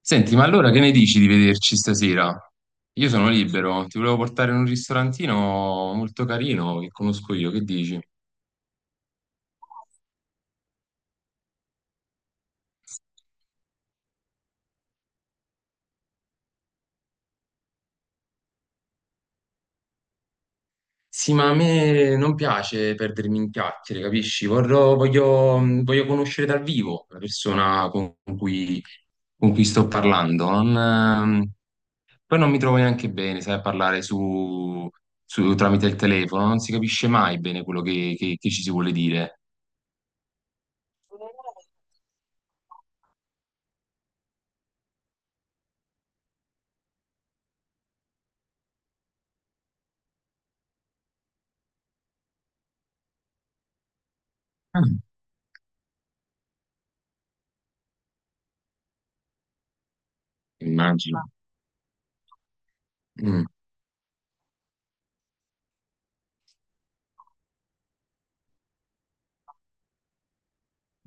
Senti, ma allora che ne dici di vederci stasera? Io sono libero, ti volevo portare in un ristorantino molto carino che conosco io, che dici? Sì, ma a me non piace perdermi in chiacchiere, capisci? Voglio conoscere dal vivo la persona con cui sto parlando. Non, poi non mi trovo neanche bene, sai, a parlare tramite il telefono, non si capisce mai bene quello che ci si vuole dire. Ah, immagino. Mm.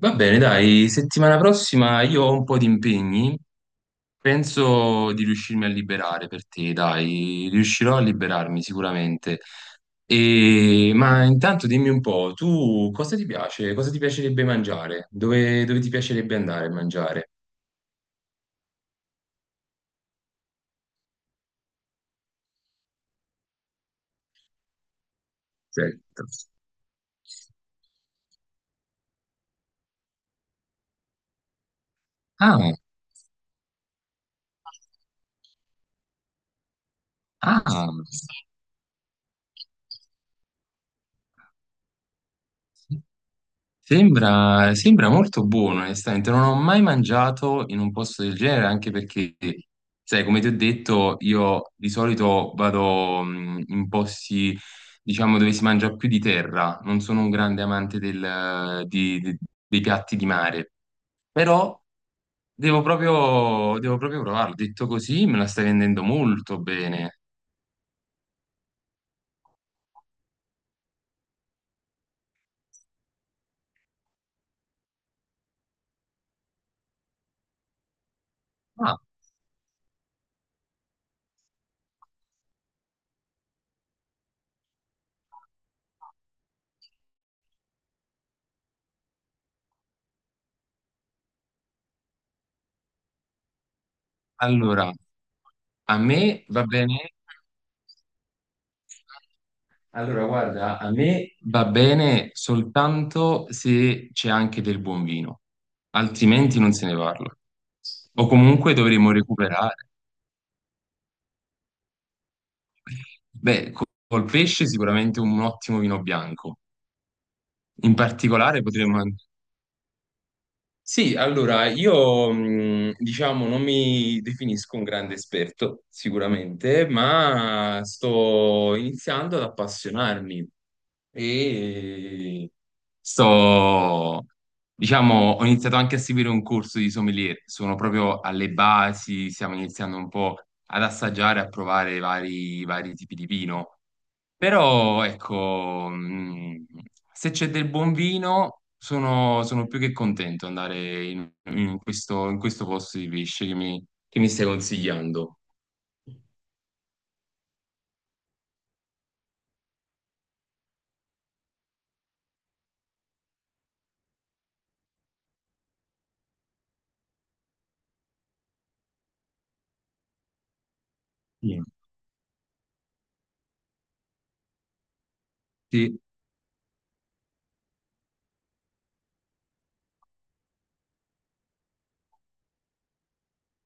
Va bene, dai, settimana prossima io ho un po' di impegni, penso di riuscirmi a liberare per te, dai, riuscirò a liberarmi sicuramente. Ma intanto dimmi un po', tu cosa ti piace? Cosa ti piacerebbe mangiare? Dove ti piacerebbe andare a mangiare? Certo. Ah, ah. Sembra molto buono, onestamente. Non ho mai mangiato in un posto del genere, anche perché, sai, come ti ho detto, io di solito vado in posti, diciamo, dove si mangia più di terra. Non sono un grande amante dei piatti di mare, però devo proprio provarlo. Detto così, me la stai vendendo molto bene. Ah, allora, a me va bene. Allora, guarda, a me va bene soltanto se c'è anche del buon vino, altrimenti non se ne parla. O comunque dovremo recuperare. Beh, col pesce sicuramente un ottimo vino bianco. In particolare potremmo... an- Sì, allora, io diciamo non mi definisco un grande esperto, sicuramente, ma sto iniziando ad appassionarmi. e sto, diciamo, ho iniziato anche a seguire un corso di sommelier, sono proprio alle basi, stiamo iniziando un po' ad assaggiare, a provare vari, vari tipi di vino, però ecco, se c'è del buon vino sono più che contento di andare in questo posto di pesce che mi stai consigliando. Sì. Sì.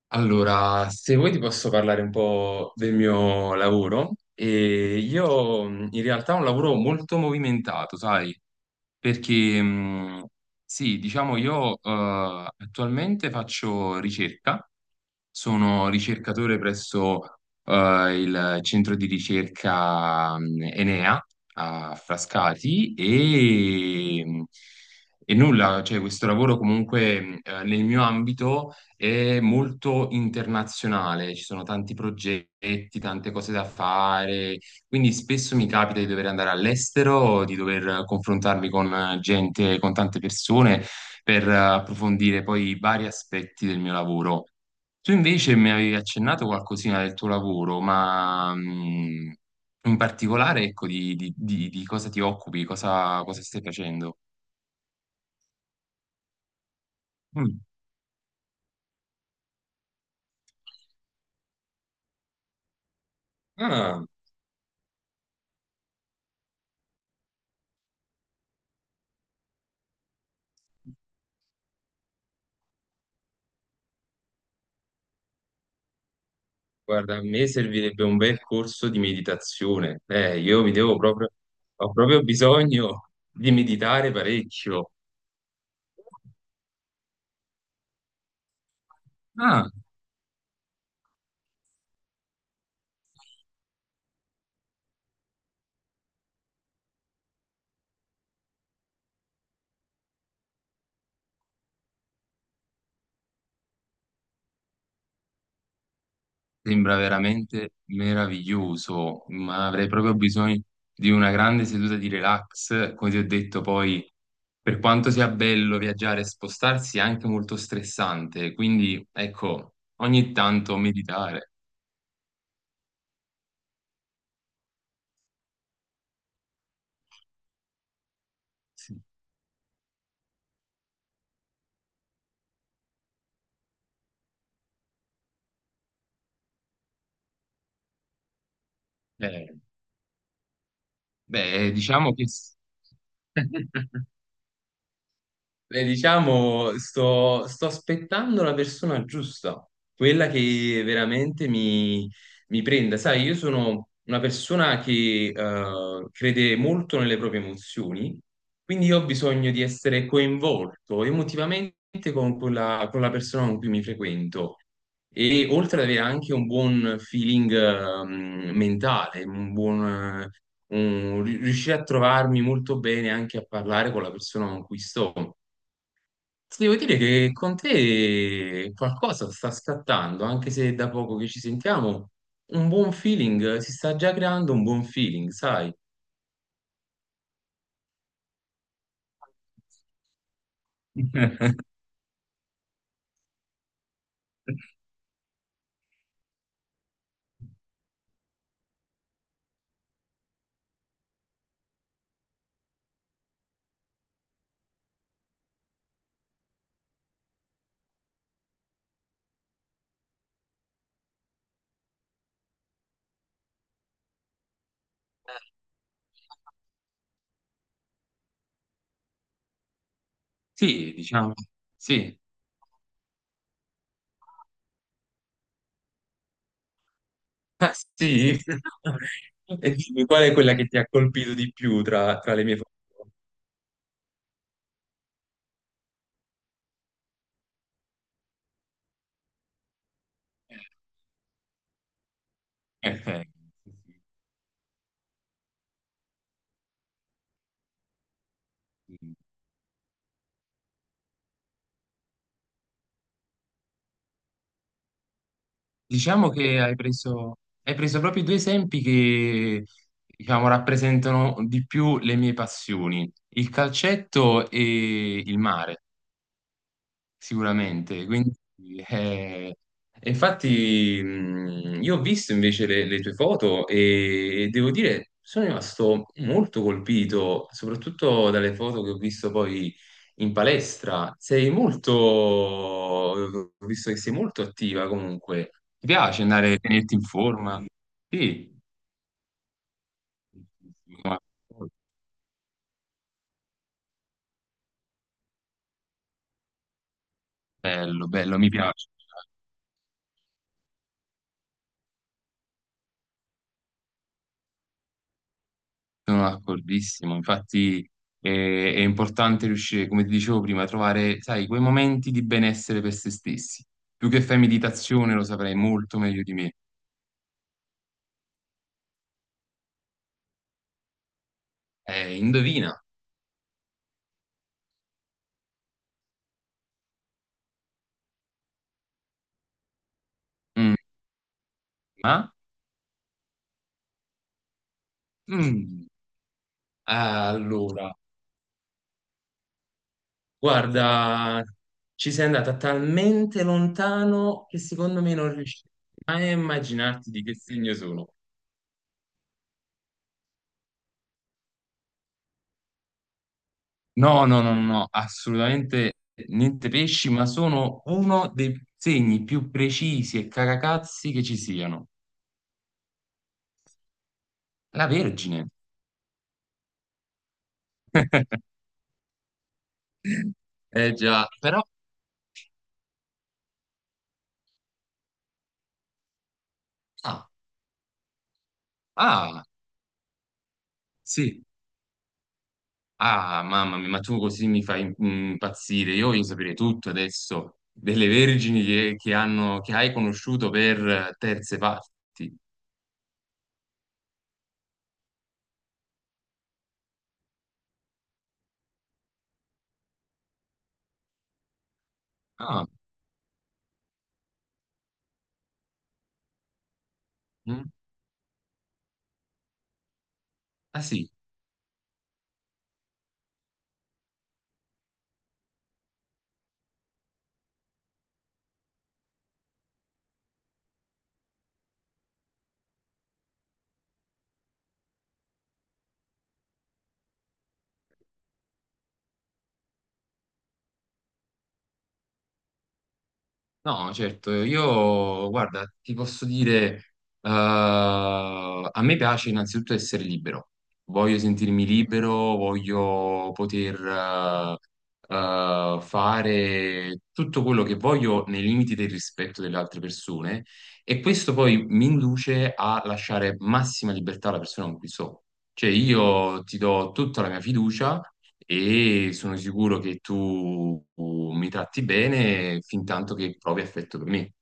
Allora, se vuoi ti posso parlare un po' del mio lavoro. E io in realtà ho un lavoro molto movimentato, sai, perché sì, diciamo io attualmente faccio ricerca, sono ricercatore presso eh, il centro di ricerca Enea a Frascati e nulla, cioè questo lavoro comunque nel mio ambito è molto internazionale, ci sono tanti progetti, tante cose da fare, quindi spesso mi capita di dover andare all'estero, di dover confrontarmi con gente, con tante persone per approfondire poi i vari aspetti del mio lavoro. Tu invece mi avevi accennato qualcosina del tuo lavoro, ma in particolare, ecco, di cosa ti occupi, cosa stai facendo? Mm. Ah. Guarda, a me servirebbe un bel corso di meditazione. Io ho proprio bisogno di meditare parecchio. Ah, sembra veramente meraviglioso, ma avrei proprio bisogno di una grande seduta di relax. Come ti ho detto, poi, per quanto sia bello viaggiare e spostarsi, è anche molto stressante. Quindi, ecco, ogni tanto meditare. Sì. Eh, beh, diciamo che... diciamo, sto aspettando la persona giusta, quella che veramente mi prenda. Sai, io sono una persona che crede molto nelle proprie emozioni, quindi io ho bisogno di essere coinvolto emotivamente con la persona con cui mi frequento. E oltre ad avere anche un buon feeling mentale, riuscire a trovarmi molto bene anche a parlare con la persona con cui sto. Ti devo dire che con te qualcosa sta scattando, anche se è da poco che ci sentiamo, un buon feeling, si sta già creando un buon feeling, sai? Sì, diciamo, sì. Ah, sì. E dimmi, qual è quella che ti ha colpito di più tra le mie foto? Eh, eh, sì, sì, sì. Diciamo che hai preso proprio due esempi che, diciamo, rappresentano di più le mie passioni, il calcetto e il mare. Sicuramente, quindi eh, infatti io ho visto invece le tue foto e devo dire sono rimasto molto colpito, soprattutto dalle foto che ho visto poi in palestra. Ho visto che sei molto attiva comunque. Ti piace andare a tenerti in forma? Sì. Ma- Bello, bello, mi piace. Sono d'accordissimo, infatti è importante riuscire, come ti dicevo prima, a trovare, sai, quei momenti di benessere per se stessi. Tu che fai meditazione lo saprai molto meglio di me. Indovina. Mm, ma? Mm, allora, guarda, ci sei andata talmente lontano che secondo me non riuscirai mai a immaginarti di che segno sono. No, no, no, no, no, assolutamente niente pesci, ma sono uno dei segni più precisi e caracazzi che ci siano. La Vergine. Eh già, però... Ah, ah, sì. Ah, mamma mia, ma tu così mi fai impazzire. Io voglio sapere tutto adesso delle Vergini che hai conosciuto per terze parti. Ah, mm, ah, sì. No, certo, io guarda, ti posso dire, eh, a me piace innanzitutto essere libero, voglio sentirmi libero, voglio poter fare tutto quello che voglio nei limiti del rispetto delle altre persone e questo poi mi induce a lasciare massima libertà alla persona con cui sto. Cioè io ti do tutta la mia fiducia e sono sicuro che tu mi tratti bene fin tanto che provi affetto per me.